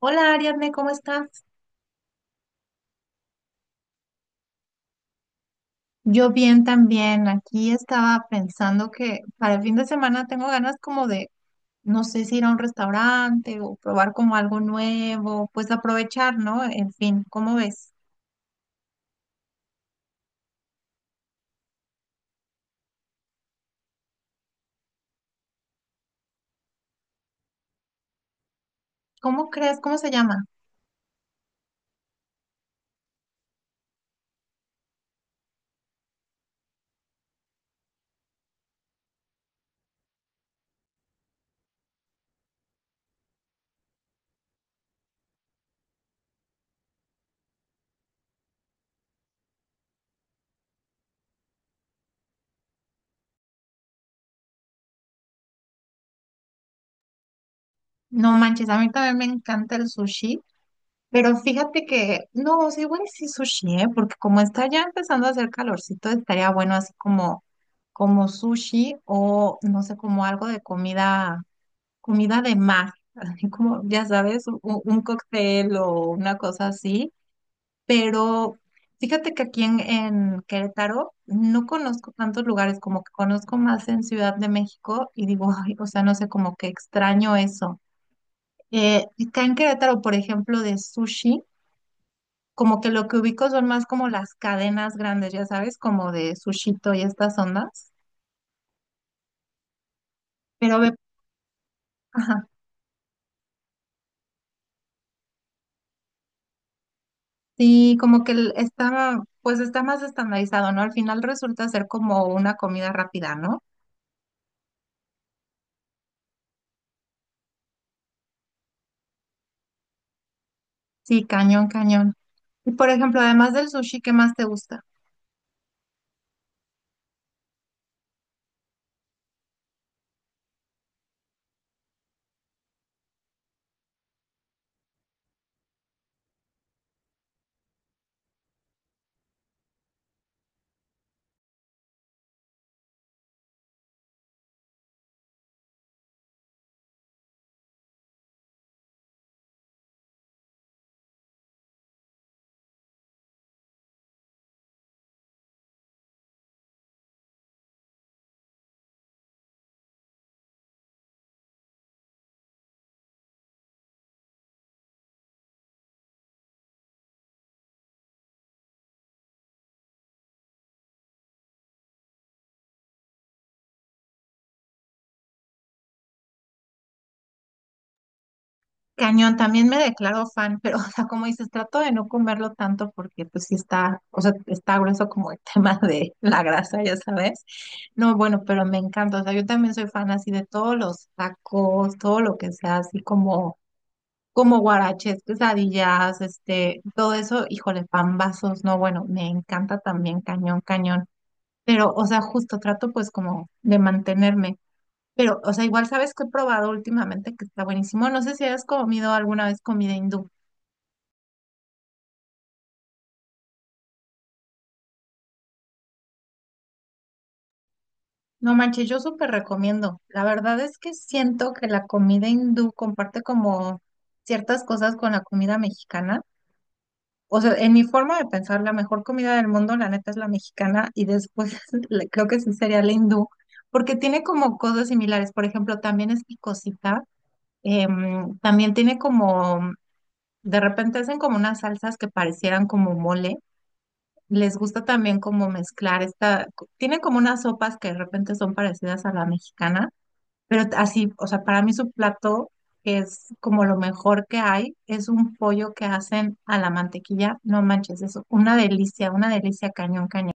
Hola Ariadne, ¿cómo estás? Yo bien también. Aquí estaba pensando que para el fin de semana tengo ganas como de, no sé si ir a un restaurante o probar como algo nuevo, pues aprovechar, ¿no? En fin, ¿cómo ves? ¿Cómo crees? ¿Cómo se llama? No manches, a mí también me encanta el sushi, pero fíjate que, no, sí, igual y sí sushi, ¿eh? Porque como está ya empezando a hacer calorcito, estaría bueno así como, como sushi o no sé, como algo de comida, comida de mar, así como, ya sabes, un cóctel o una cosa así, pero fíjate que aquí en Querétaro no conozco tantos lugares, como que conozco más en Ciudad de México y digo, ay, o sea, no sé, como que extraño eso. Acá en Querétaro, por ejemplo, de sushi, como que lo que ubico son más como las cadenas grandes, ya sabes, como de Sushito y estas ondas, pero ve, ajá. Sí, como que está, pues está más estandarizado, ¿no? Al final resulta ser como una comida rápida, ¿no? Sí, cañón, cañón. Y por ejemplo, además del sushi, ¿qué más te gusta? Cañón, también me declaro fan, pero o sea, como dices, trato de no comerlo tanto porque, pues sí está, o sea, está grueso como el tema de la grasa, ya sabes. No, bueno, pero me encanta, o sea, yo también soy fan así de todos los tacos, todo lo que sea así como como guaraches, quesadillas, este, todo eso, híjole, pambazos, no, bueno, me encanta también cañón, cañón. Pero, o sea, justo trato pues como de mantenerme. Pero, o sea, igual sabes que he probado últimamente que está buenísimo. No sé si has comido alguna vez comida hindú. No manches, yo súper recomiendo. La verdad es que siento que la comida hindú comparte como ciertas cosas con la comida mexicana. O sea, en mi forma de pensar, la mejor comida del mundo, la neta, es la mexicana y después creo que sí sería la hindú, porque tiene como cosas similares. Por ejemplo, también es picosita, también tiene como, de repente hacen como unas salsas que parecieran como mole. Les gusta también como mezclar esta, tiene como unas sopas que de repente son parecidas a la mexicana pero así, o sea, para mí su plato, que es como lo mejor que hay, es un pollo que hacen a la mantequilla. No manches, es una delicia cañón, cañón.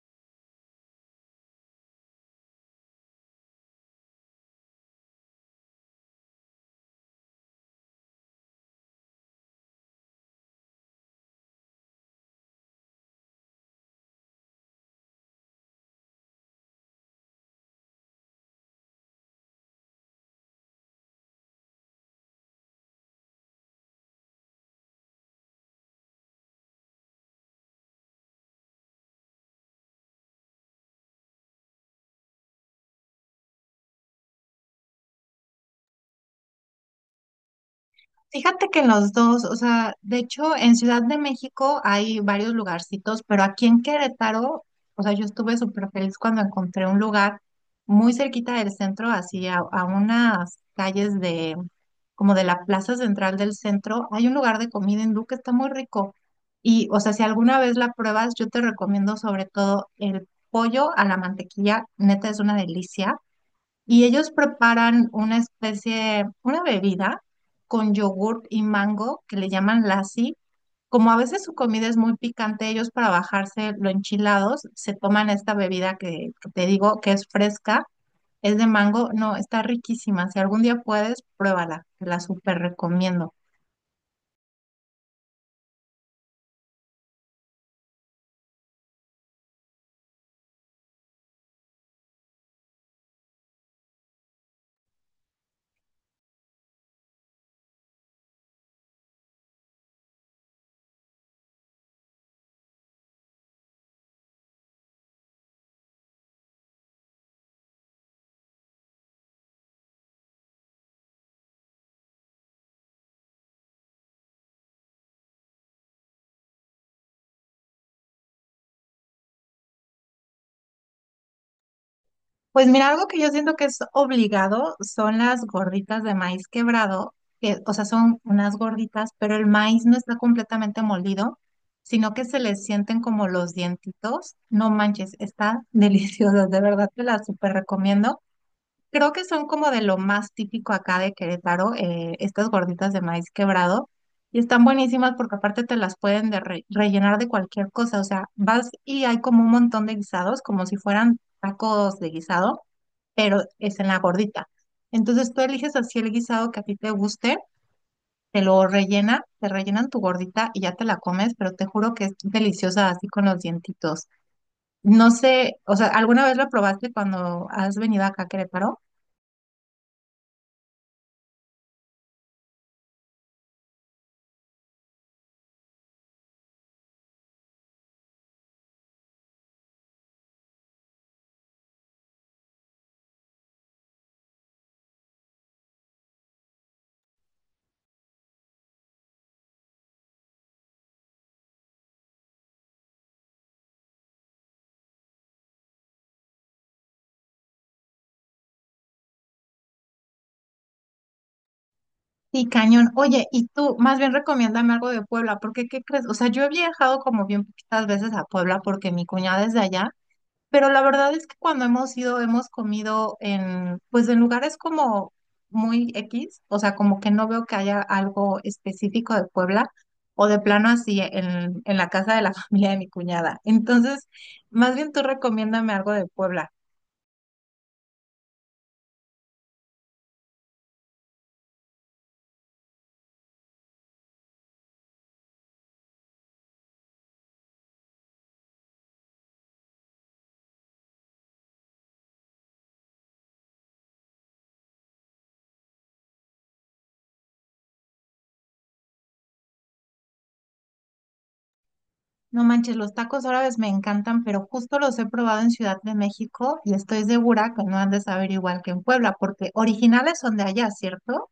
Fíjate que los dos, o sea, de hecho en Ciudad de México hay varios lugarcitos, pero aquí en Querétaro, o sea, yo estuve súper feliz cuando encontré un lugar muy cerquita del centro, así a unas calles de, como de la plaza central del centro, hay un lugar de comida hindú que está muy rico. Y, o sea, si alguna vez la pruebas, yo te recomiendo sobre todo el pollo a la mantequilla, neta es una delicia. Y ellos preparan una especie, una bebida con yogurt y mango que le llaman lassi. Como a veces su comida es muy picante, ellos para bajarse lo enchilados se toman esta bebida que te digo que es fresca, es de mango, no, está riquísima. Si algún día puedes, pruébala, te la súper recomiendo. Pues mira, algo que yo siento que es obligado son las gorditas de maíz quebrado, que, o sea, son unas gorditas, pero el maíz no está completamente molido, sino que se le sienten como los dientitos. No manches, está delicioso, de verdad te las súper recomiendo. Creo que son como de lo más típico acá de Querétaro, estas gorditas de maíz quebrado. Y están buenísimas porque aparte te las pueden de rellenar de cualquier cosa. O sea, vas y hay como un montón de guisados, como si fueran tacos de guisado pero es en la gordita. Entonces tú eliges así el guisado que a ti te guste, te lo rellena, te rellenan tu gordita y ya te la comes, pero te juro que es deliciosa así con los dientitos. No sé, o sea, ¿alguna vez lo probaste cuando has venido acá a Querétaro? Sí, cañón. Oye, y tú, más bien recomiéndame algo de Puebla, porque ¿qué crees? O sea, yo he viajado como bien poquitas veces a Puebla porque mi cuñada es de allá. Pero la verdad es que cuando hemos ido, hemos comido en, pues en lugares como muy X, o sea, como que no veo que haya algo específico de Puebla, o de plano así en la casa de la familia de mi cuñada. Entonces, más bien tú recomiéndame algo de Puebla. No manches, los tacos árabes me encantan, pero justo los he probado en Ciudad de México y estoy segura que no han de saber igual que en Puebla, porque originales son de allá, ¿cierto?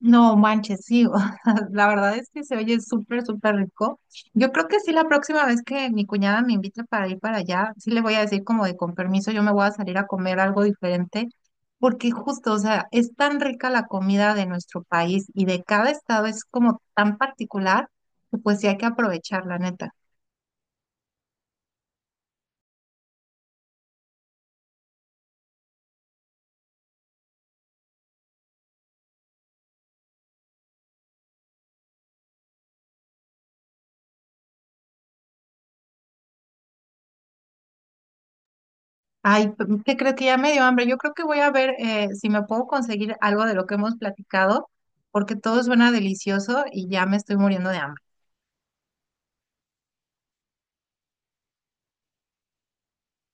No manches, sí, o sea, la verdad es que se oye súper, súper rico. Yo creo que sí, la próxima vez que mi cuñada me invite para ir para allá, sí le voy a decir como de con permiso, yo me voy a salir a comer algo diferente, porque justo, o sea, es tan rica la comida de nuestro país y de cada estado es como tan particular, que pues sí hay que aprovechar, la neta. Ay, ¿qué crees que ya me dio hambre? Yo creo que voy a ver si me puedo conseguir algo de lo que hemos platicado, porque todo suena delicioso y ya me estoy muriendo de hambre.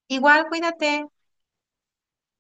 Igual, cuídate.